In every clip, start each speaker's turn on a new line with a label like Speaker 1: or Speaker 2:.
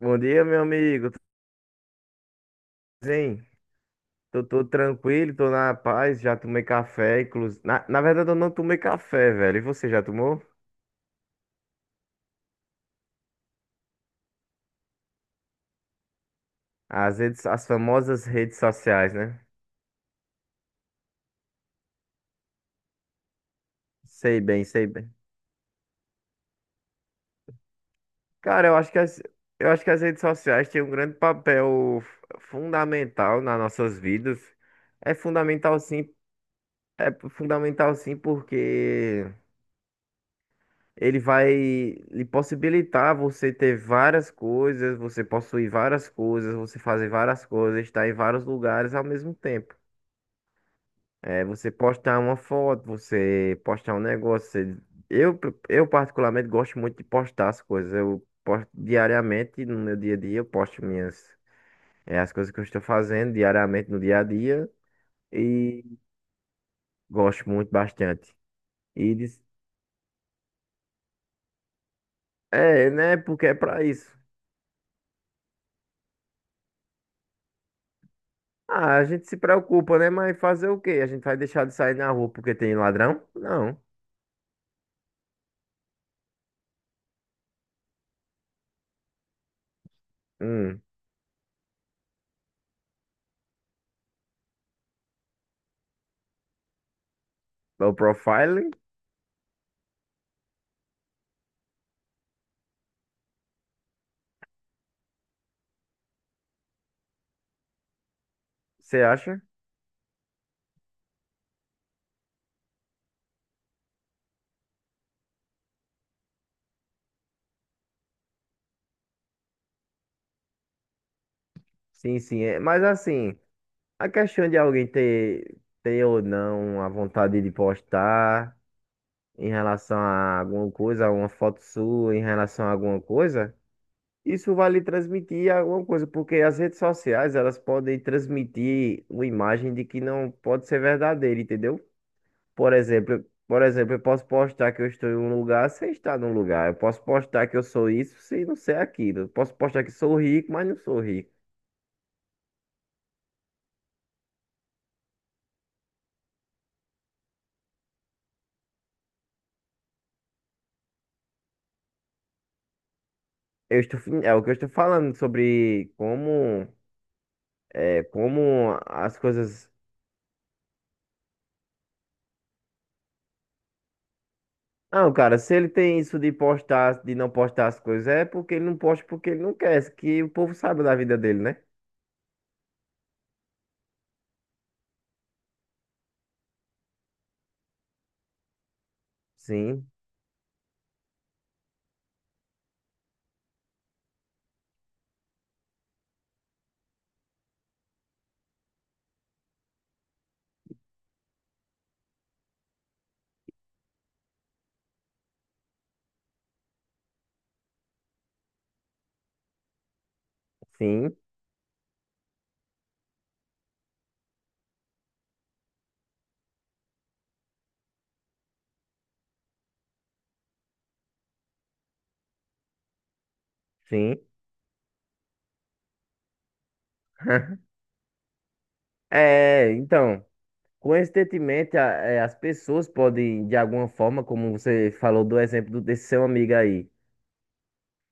Speaker 1: Bom dia, meu amigo. Tudo bem? Tô tranquilo, tô na paz, já tomei café, inclusive. Na verdade, eu não tomei café, velho. E você já tomou? As redes, as famosas redes sociais, né? Sei bem, sei bem. Cara, eu acho que as redes sociais têm um grande papel fundamental nas nossas vidas. É fundamental sim, é fundamental sim, porque ele vai lhe possibilitar você ter várias coisas, você possuir várias coisas, você fazer várias coisas, estar em vários lugares ao mesmo tempo. É, você postar uma foto, você postar um negócio. Eu, eu particularmente gosto muito de postar as coisas. Eu posto diariamente no meu dia a dia, eu posto minhas, é, as coisas que eu estou fazendo diariamente no dia a dia e gosto muito bastante. E diz- né? Porque é pra isso. Ah, a gente se preocupa, né? Mas fazer o quê? A gente vai deixar de sair na rua porque tem ladrão? Não. Hum. O profiling, você acha? Sim, sim. É. Mas assim, a questão de alguém ter, ter ou não a vontade de postar em relação a alguma coisa, uma foto sua em relação a alguma coisa, isso vai lhe transmitir alguma coisa, porque as redes sociais, elas podem transmitir uma imagem de que não pode ser verdadeira, entendeu? Por exemplo, eu posso postar que eu estou em um lugar sem estar num lugar. Eu posso postar que eu sou isso sem não ser aquilo. Eu posso postar que sou rico, mas não sou rico. Eu estou, fin- é o que eu estou falando sobre como, é, como as coisas. Não, cara, se ele tem isso de postar, de não postar as coisas, é porque ele não posta porque ele não quer, que o povo sabe da vida dele, né? Sim, sim, sim. É, então. Coincidentemente, as pessoas podem, de alguma forma, como você falou do exemplo do- desse seu amigo aí,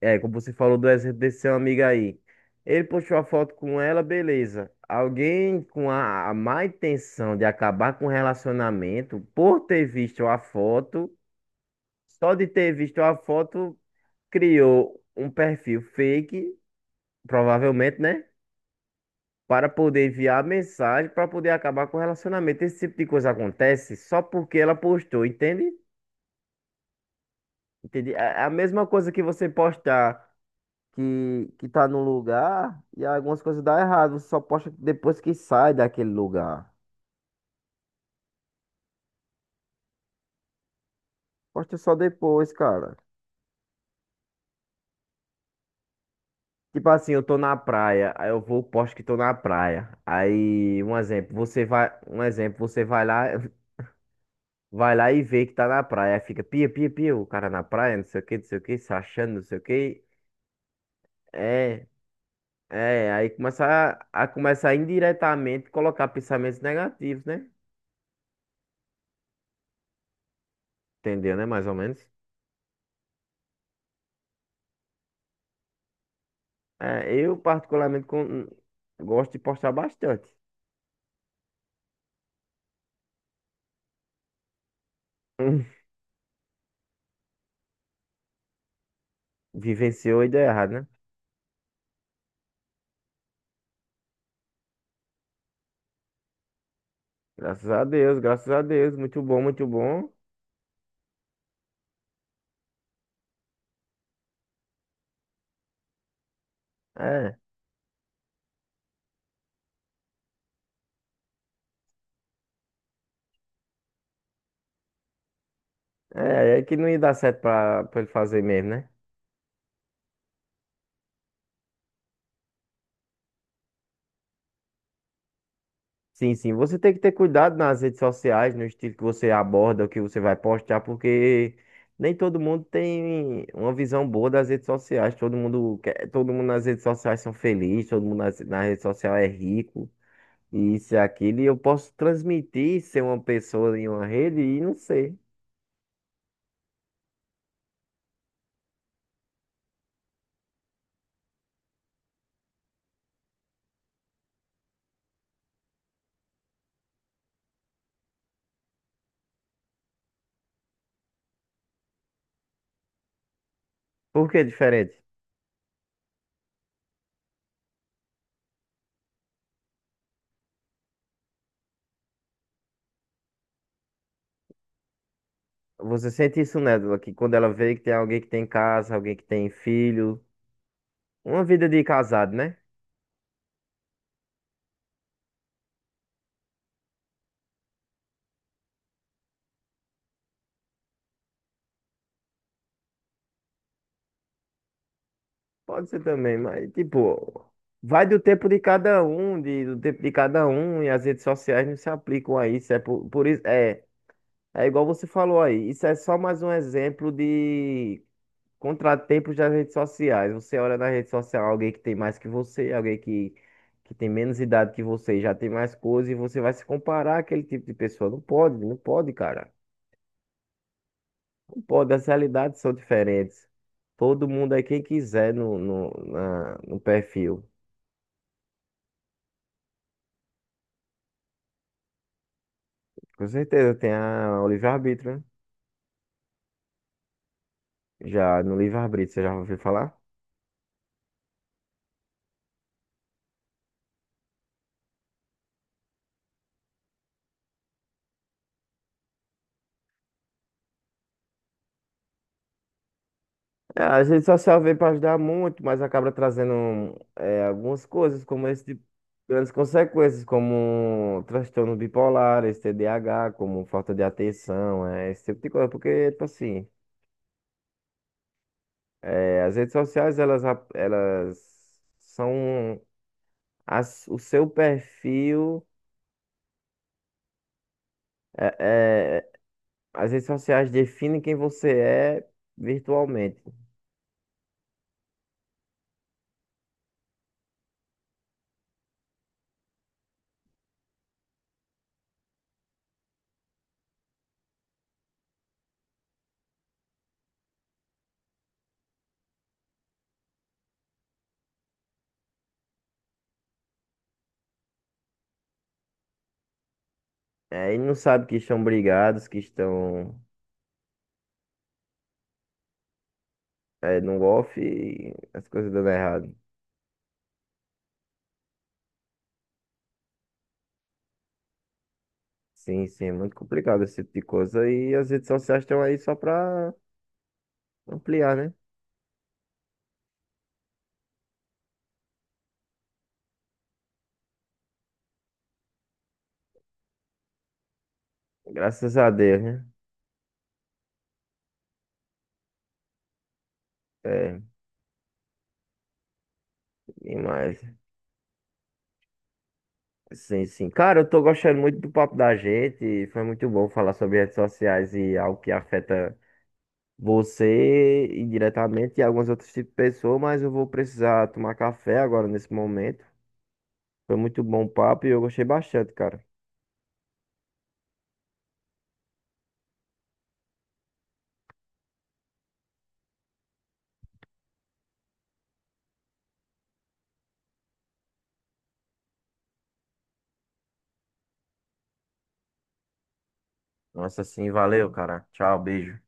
Speaker 1: é, como você falou do exemplo desse seu amigo aí, ele postou a foto com ela, beleza. Alguém com a má intenção de acabar com o relacionamento, por ter visto a foto, só de ter visto a foto, criou um perfil fake, provavelmente, né? Para poder enviar a mensagem, para poder acabar com o relacionamento. Esse tipo de coisa acontece só porque ela postou, entende? Entendi. É a mesma coisa que que tá num lugar e algumas coisas dá errado. Você só posta depois que sai daquele lugar. Posta só depois, cara. Tipo assim, eu tô na praia, aí eu vou, posto que tô na praia. Aí, um exemplo, você vai lá, vai lá e vê que tá na praia. Aí fica pia, pia, pia, o cara na praia, não sei o que, não sei o que, se achando, não sei o que. É, a começar indiretamente colocar pensamentos negativos, né? Entendeu, né? Mais ou menos. É, eu particularmente con- gosto de postar bastante. Hum, vivenciou e deu errado, né? Graças a Deus, graças a Deus. Muito bom, muito bom. É, é que não ia dar certo pra ele fazer mesmo, né? Sim, sim. Você tem que ter cuidado nas redes sociais, no estilo que você aborda, o que você vai postar, porque nem todo mundo tem uma visão boa das redes sociais. Todo mundo quer, todo mundo nas redes sociais são felizes, na rede social é rico. Isso e aquilo, e eu posso transmitir ser uma pessoa em uma rede e não ser. Por que é diferente? Você sente isso nela, que quando ela vê que tem alguém que tem casa, alguém que tem filho, uma vida de casado, né? Pode ser também, mas tipo, vai do tempo de cada um, de, do tempo de cada um, e as redes sociais não se aplicam a isso. É igual você falou aí, isso é só mais um exemplo de contratempos das redes sociais. Você olha na rede social alguém que tem mais que você, que tem menos idade que você, e já tem mais coisas, e você vai se comparar àquele tipo de pessoa. Não pode, não pode, cara. Não pode, as realidades são diferentes. Todo mundo é quem quiser no perfil. Com certeza, tem o livre-arbítrio, né? Já no livre-arbítrio, você já ouviu falar? Ah, a rede social veio para ajudar muito, mas acaba trazendo algumas coisas, como esse tipo, grandes consequências, como transtornos bipolares, TDAH, como falta de atenção, esse tipo de coisa. Porque, tipo assim, eh, as redes sociais, elas, ap- elas são as, o seu perfil, eh, eh, as redes sociais definem quem você é virtualmente. Eh, e não sabe que estão brigados, no off e as coisas dando errado. Sim, sim, é muito complicado esse tipo de coisa. E as redes sociais estão aí só pra ampliar, né? Graças a Deus, né? É, e mais. Sim, sim. Cara, eu tô gostando muito do papo da gente. Foi muito bom falar sobre redes sociais e algo que afeta você indiretamente e alguns outros tipos de pessoas, mas eu vou precisar tomar café agora nesse momento. Foi muito bom o papo e eu gostei bastante, cara. Nossa, sim, valeu, cara. Tchau, beijo.